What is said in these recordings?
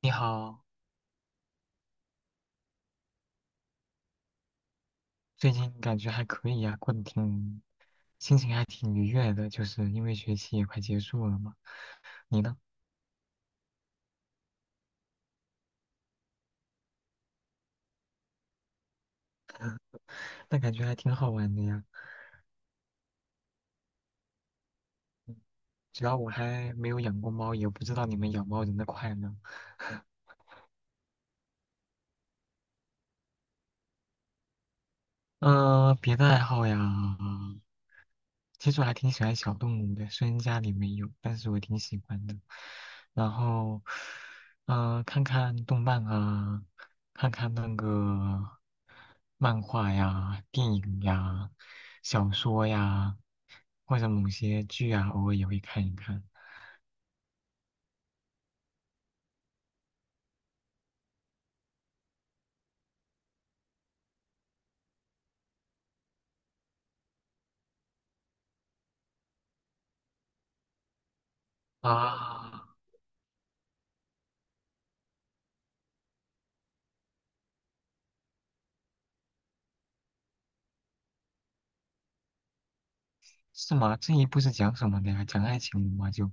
你好，最近感觉还可以呀、过得挺，心情还挺愉悦的，就是因为学期也快结束了嘛。你呢？那感觉还挺好玩的呀。主要我还没有养过猫，也不知道你们养猫人的快乐。嗯、别的爱好呀，其实我还挺喜欢小动物的，虽然家里没有，但是我挺喜欢的。然后，看看动漫啊，看看那个漫画呀、电影呀、小说呀，或者某些剧啊，偶尔也会看一看。啊，是吗？这一部是讲什么的呀？讲爱情的吗？就。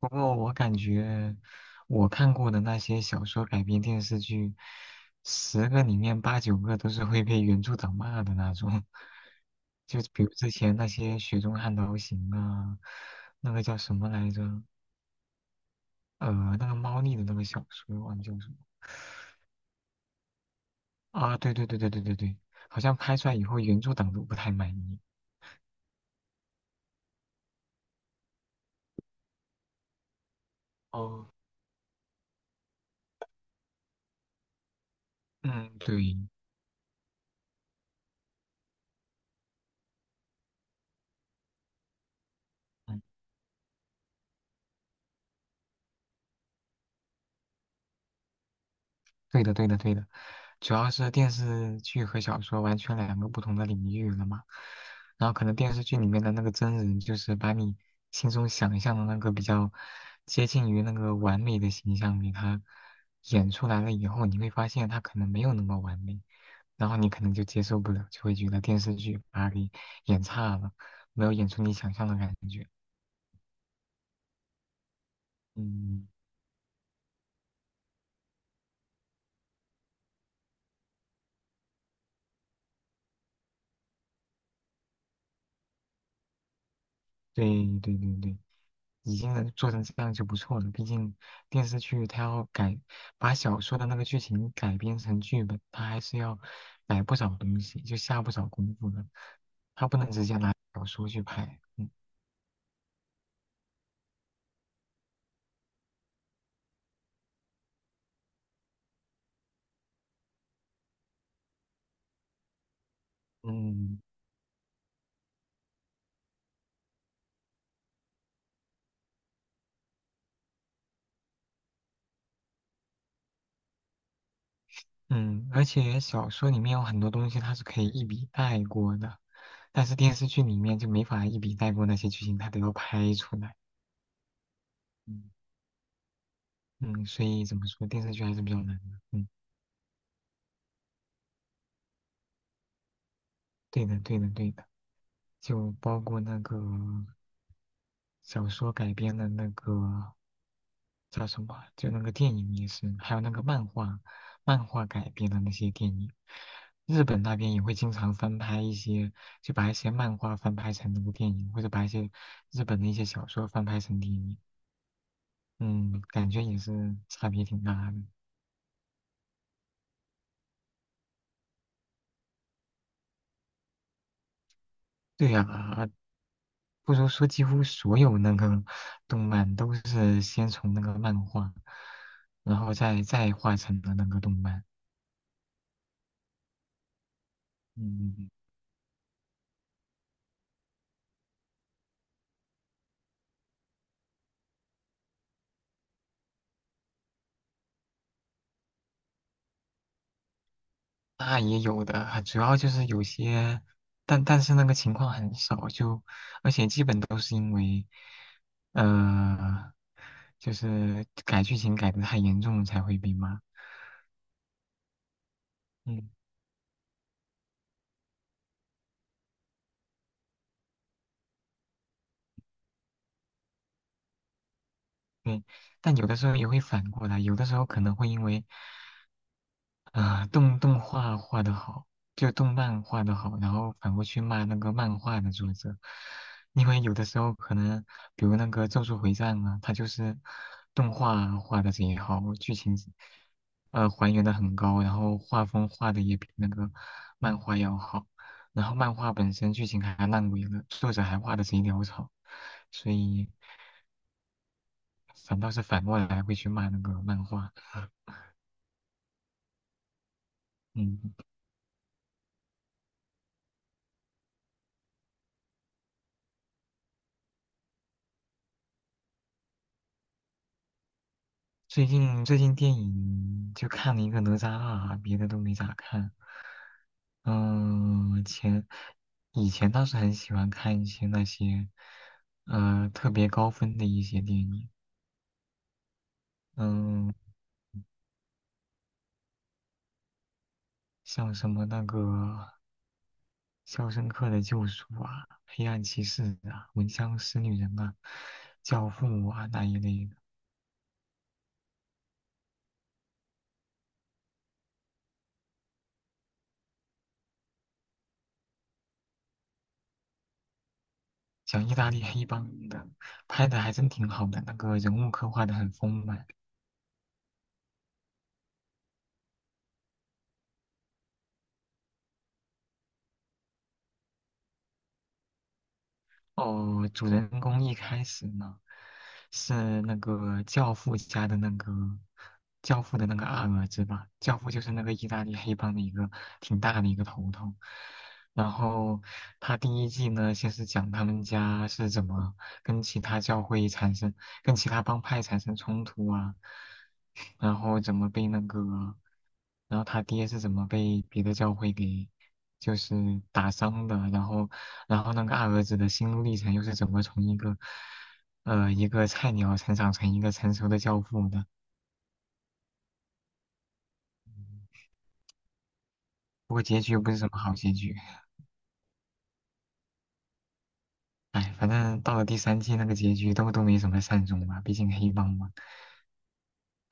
不过我感觉我看过的那些小说改编电视剧，十个里面八九个都是会被原著党骂的那种。就比如之前那些《雪中悍刀行》啊，那个叫什么来着？呃，那个猫腻的那个小说，忘记叫什么啊？对对对对对对对，好像拍出来以后原著党都不太满意。哦，嗯，对，嗯对的，对的，对的。主要是电视剧和小说完全两个不同的领域了嘛。然后可能电视剧里面的那个真人，就是把你心中想象的那个比较接近于那个完美的形象给他演出来了以后，你会发现他可能没有那么完美，然后你可能就接受不了，就会觉得电视剧把他给演差了，没有演出你想象的感觉。嗯。对对对对，已经能做成这样就不错了。毕竟电视剧它要改，把小说的那个剧情改编成剧本，它还是要改不少东西，就下不少功夫的。它不能直接拿小说去拍。嗯嗯嗯。而且小说里面有很多东西它是可以一笔带过的，但是电视剧里面就没法一笔带过那些剧情，它都要拍出来。嗯嗯。所以怎么说，电视剧还是比较难的。嗯，对的对的对的。就包括那个小说改编的那个叫什么，就那个电影也是，还有那个漫画，漫画改编的那些电影，日本那边也会经常翻拍一些，就把一些漫画翻拍成那部电影，或者把一些日本的一些小说翻拍成电影，嗯，感觉也是差别挺大的。对呀，不如说几乎所有那个动漫都是先从那个漫画，然后再画成了那个动漫。嗯，那也有的，主要就是有些，但是那个情况很少，就而且基本都是因为，呃，就是改剧情改的太严重才会被骂。嗯，对，但有的时候也会反过来，有的时候可能会因为。啊、动动画画的好，就动漫画的好，然后反过去骂那个漫画的作者，因为有的时候可能，比如那个《咒术回战》啊，它就是动画画的贼好，剧情还原的很高，然后画风画的也比那个漫画要好，然后漫画本身剧情还烂尾了，作者还画的贼潦草，所以反倒是反过来会去骂那个漫画，嗯。最近电影就看了一个《哪吒二》，别的都没咋看。嗯，以前倒是很喜欢看一些那些，特别高分的一些电影。嗯，像什么那个《肖申克的救赎》啊，《黑暗骑士》啊，《闻香识女人》啊，《教父》啊那一类的，讲意大利黑帮的，拍的还真挺好的，那个人物刻画的很丰满。哦，主人公一开始呢，是那个教父家的那个教父的那个二儿子吧？教父就是那个意大利黑帮的一个挺大的一个头头。然后他第一季呢，先是讲他们家是怎么跟其他教会产生、跟其他帮派产生冲突啊，然后怎么被那个，然后他爹是怎么被别的教会给就是打伤的，然后，然后那个二儿子的心路历程又是怎么从一个，一个菜鸟成长成一个成熟的教父的？不过结局又不是什么好结局，哎，反正到了第三季那个结局都没什么善终吧，毕竟黑帮嘛。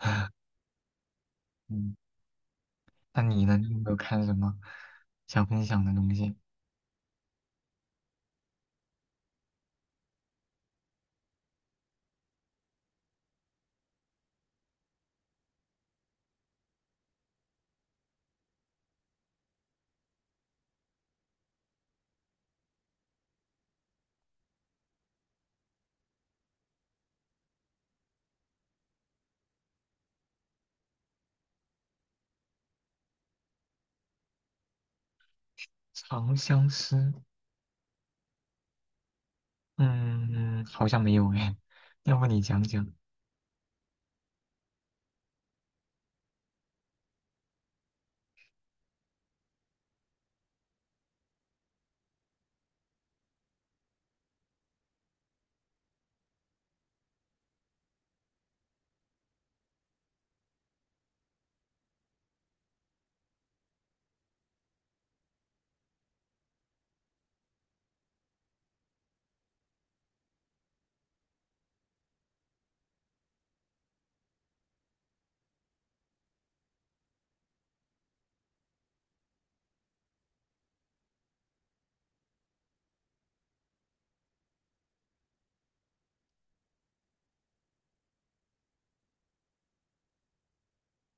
嗯，那你呢？你有没有看什么想分享的东西？《长相思》嗯，好像没有哎，要不你讲讲？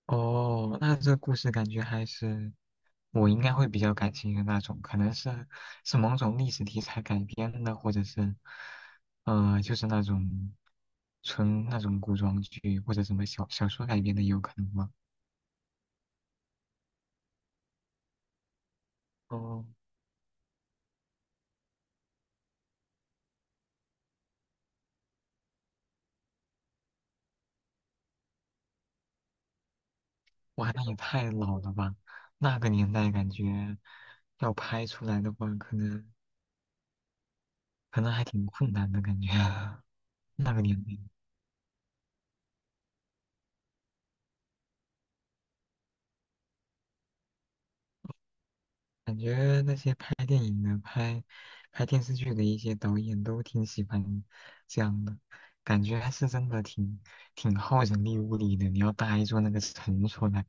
哦，那这故事感觉还是我应该会比较感兴趣的那种，可能是某种历史题材改编的，或者是，就是那种纯那种古装剧或者什么小说改编的也有可能吧。哦，哇，那也太老了吧！那个年代感觉要拍出来的话，可能还挺困难的感觉。那个年代，感觉那些拍电影的、拍电视剧的一些导演都挺喜欢这样的，感觉还是真的挺耗人力物力的。你要搭一座那个城出来，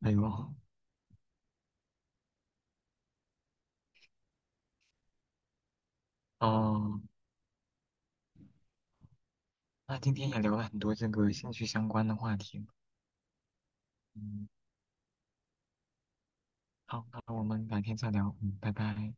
哎呦，哦，那今天也聊了很多这个兴趣相关的话题了。嗯，好，那我们改天再聊，嗯，拜拜。